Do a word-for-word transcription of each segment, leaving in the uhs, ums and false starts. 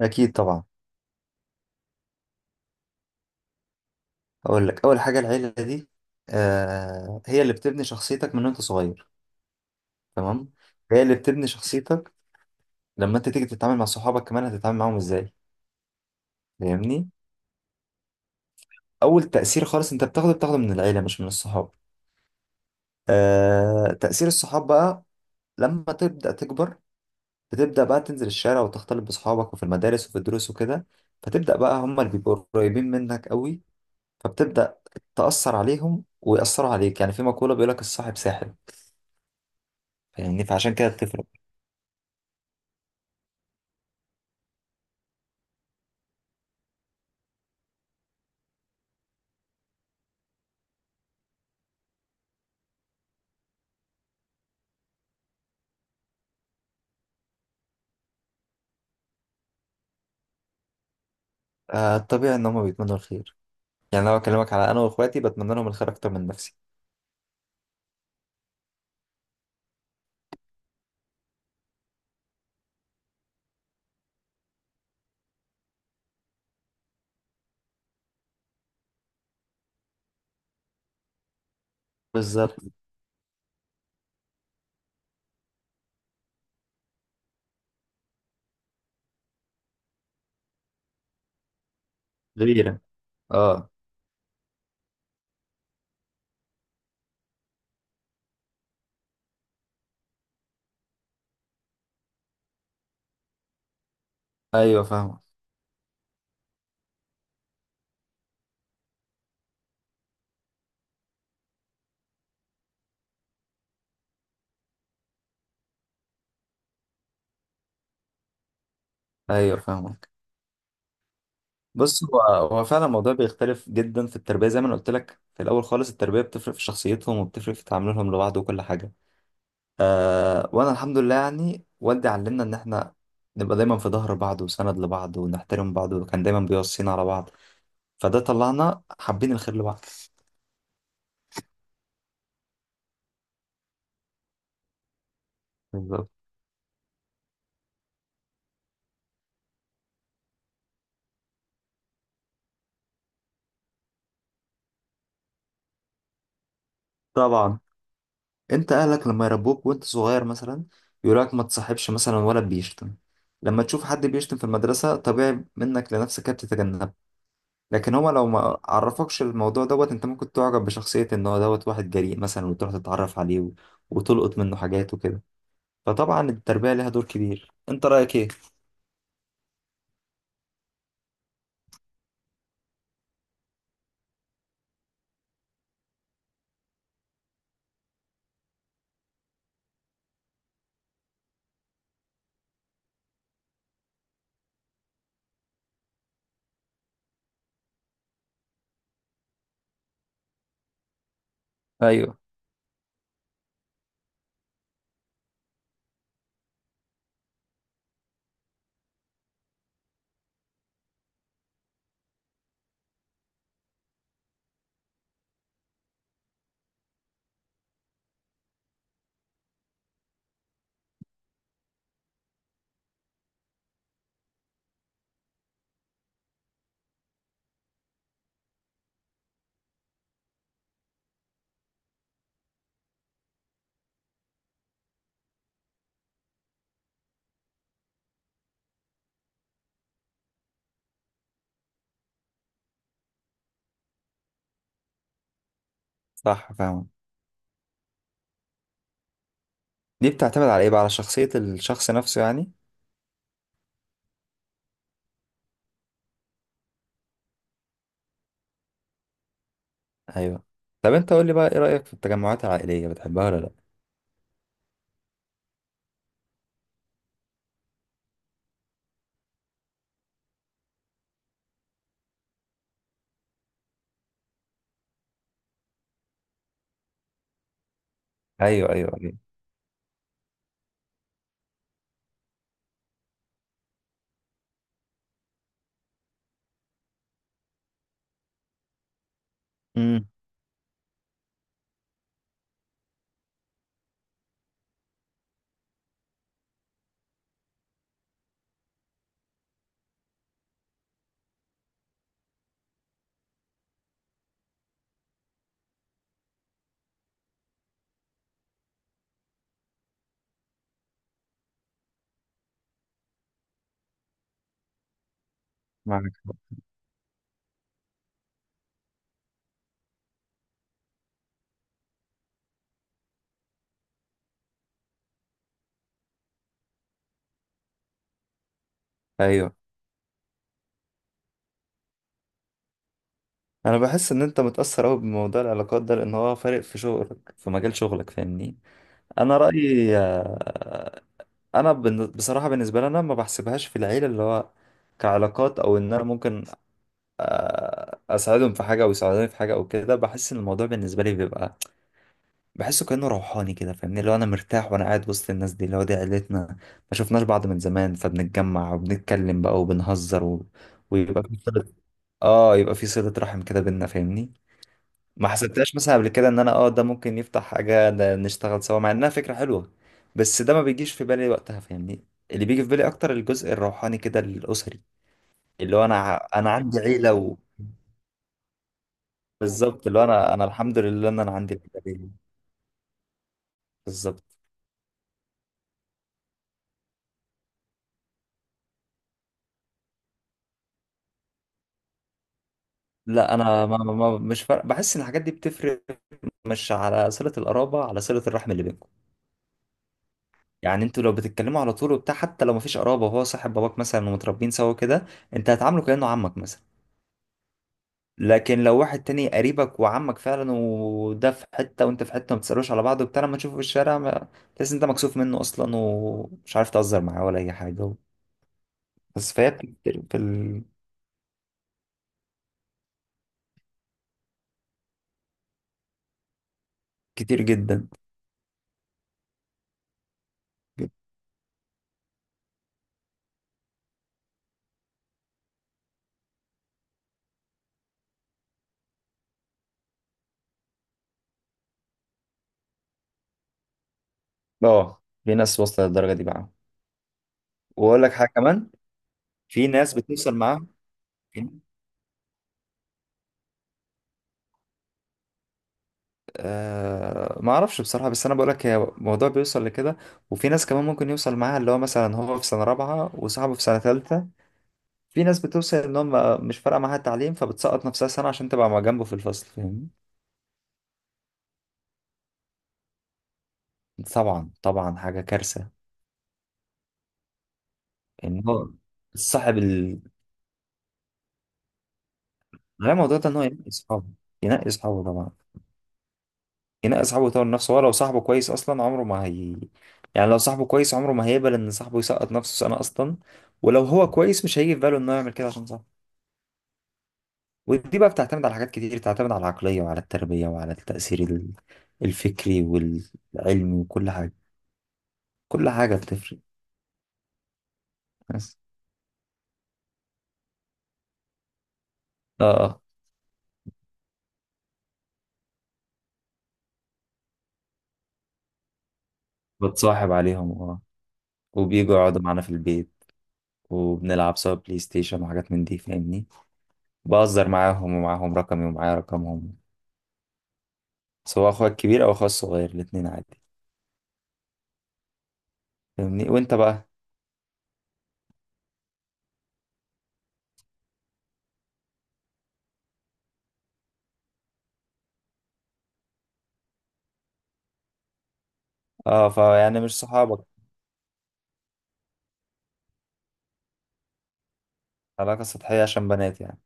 أكيد طبعا. أقول لك أول حاجة، العيلة دي آه هي اللي بتبني شخصيتك من وأنت صغير. تمام، هي اللي بتبني شخصيتك. لما أنت تيجي تتعامل مع صحابك كمان هتتعامل معاهم إزاي، فاهمني؟ أول تأثير خالص أنت بتاخده بتاخده من العيلة مش من الصحاب. آه، تأثير الصحاب بقى لما تبدأ تكبر، بتبدأ بقى تنزل الشارع وتختلط بصحابك وفي المدارس وفي الدروس وكده، فتبدأ بقى هما اللي بيبقوا قريبين منك قوي، فبتبدأ تأثر عليهم ويأثروا عليك. يعني في مقولة بيقول لك الصاحب ساحب، فاهمني؟ فعشان كده بتفرق. آه الطبيعي ان هم بيتمنوا الخير، يعني لو اكلمك على انا واخواتي بتمنى لهم الخير اكتر من نفسي. بالظبط. غيرة. اه. ايوه فاهمك. ايوه فاهمك. بص، هو هو فعلا الموضوع بيختلف جدا في التربيه، زي ما انا قلت لك في الاول خالص التربيه بتفرق في شخصيتهم وبتفرق في تعاملهم لبعض وكل حاجه. آه، وانا الحمد لله يعني والدي علمنا ان احنا نبقى دايما في ظهر بعض وسند لبعض ونحترم بعض، وكان دايما بيوصينا على بعض، فده طلعنا حابين الخير لبعض. بالظبط. طبعا، انت اهلك لما يربوك وانت صغير مثلا يقولك ما تصاحبش مثلا ولا بيشتم، لما تشوف حد بيشتم في المدرسة طبيعي منك لنفسك تتجنب. لكن هما لو ما عرفوكش الموضوع دوت، انت ممكن تعجب بشخصية ان هو دوت واحد جريء مثلا وتروح تتعرف عليه و- وتلقط منه حاجات وكده. فطبعا التربية ليها دور كبير. انت رأيك ايه؟ ايوه صح، فاهم. دي بتعتمد على ايه بقى؟ على شخصية الشخص نفسه يعني. ايوه. طب انت قول لي بقى، ايه رأيك في التجمعات العائلية، بتحبها ولا لا؟ ايوه، ايوه، ايوه. امم. معاك. ايوه. انا بحس ان انت متاثر قوي بموضوع العلاقات ده، لان هو فارق في شغلك في مجال شغلك، فاهمني؟ انا رايي آه، انا بن- بصراحه بالنسبه لي انا ما بحسبهاش في العيله اللي هو كعلاقات، او ان انا ممكن آه، اساعدهم في حاجه او يساعدوني في حاجه او كده. بحس ان الموضوع بالنسبه لي بيبقى بحسه كانه روحاني كده، فاهمني؟ اللي هو انا مرتاح وانا قاعد وسط الناس دي اللي هو دي عيلتنا، ما شفناش بعض من زمان فبنتجمع وبنتكلم بقى وبنهزر و... ويبقى في صله. اه، يبقى في صله رحم كده بينا، فاهمني؟ ما حسبتهاش مثلا قبل كده ان انا اه ده ممكن يفتح حاجة، ده نشتغل سوا، مع انها فكرة حلوة بس ده ما بيجيش في بالي وقتها، فاهمني؟ اللي بيجي في بالي اكتر الجزء الروحاني كده الاسري، اللي هو انا ع- انا عندي عيلة و... بالظبط، اللي هو انا، انا الحمد لله ان انا عندي العيلة دي. بالظبط. لا، انا ما ما ما- مش فارق، بحس ان الحاجات دي بتفرق مش على صلة القرابة، على صلة الرحم اللي بينكم. يعني انتوا لو بتتكلموا على طول وبتاع حتى لو مفيش قرابة وهو صاحب باباك مثلا ومتربيين سوا كده، انت هتعامله كأنه عمك مثلا. لكن لو واحد تاني قريبك وعمك فعلا وده في حتة وانت في حتة، ما بتسألوش على بعض وبتاع، لما تشوفه في الشارع ما- تحس انت مكسوف منه اصلا ومش عارف تهزر معاه ولا اي حاجة. بس فهي بتكتير في ال... كتير جدا. اه في ناس وصلت للدرجة دي بقى، واقول لك حاجة كمان، في ناس بتوصل معاهم آه ما اعرفش بصراحة، بس انا بقول لك هي الموضوع بيوصل لكده. وفي ناس كمان ممكن يوصل معاها اللي هو مثلا هو في سنة رابعة وصاحبه في سنة ثالثة، في ناس بتوصل انهم مش فارقه معاها التعليم فبتسقط نفسها سنه عشان تبقى مع جنبه في الفصل، فاهمني؟ طبعا طبعا حاجه كارثه. ان هو صاحب ال... غير الموضوع ده، ان هو ينقي اصحابه. ينقي اصحابه طبعا، ينقي اصحابه ويطور نفسه. هو لو صاحبه كويس اصلا عمره ما هي، يعني لو صاحبه كويس عمره ما هيقبل ان صاحبه يسقط نفسه سنه اصلا، ولو هو كويس مش هيجي في باله انه يعمل كده عشان صاحبه. ودي بقى بتعتمد على حاجات كتير، بتعتمد على العقليه وعلى التربيه وعلى التاثير ال- الفكري والعلمي وكل حاجه. كل حاجه بتفرق. اه. بتصاحب عليهم، اه، وبيجوا يقعدوا معانا في البيت وبنلعب سوا بلاي ستيشن وحاجات من دي، فاهمني؟ بهزر معاهم، ومعاهم رقمي ومعايا رقمهم، سواء اخويا الكبير او اخويا الصغير، الاتنين عادي. فاهمني؟ وانت بقى؟ اه، فيعني مش صحابك. علاقة سطحية عشان بنات يعني.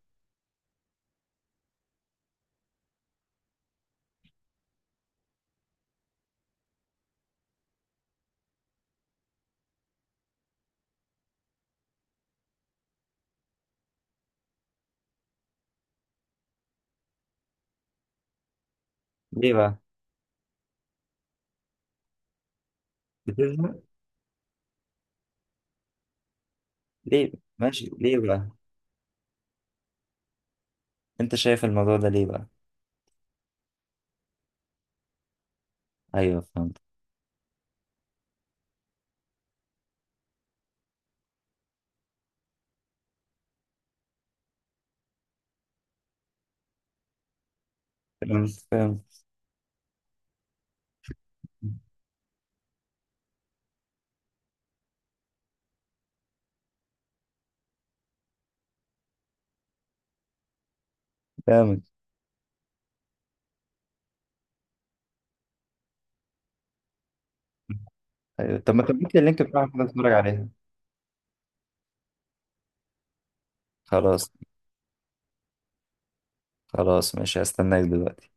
ليه بقى؟ بتزهق؟ ليه؟ ماشي ليه بقى؟ انت شايف الموضوع ده ليه بقى؟ ايوه فهمت. فهمت فهمت فهمت. ايوه طب ما تبعت لي اللينك بتاعك كده اتفرج عليها. خلاص. خلاص ماشي، هستناك دلوقتي.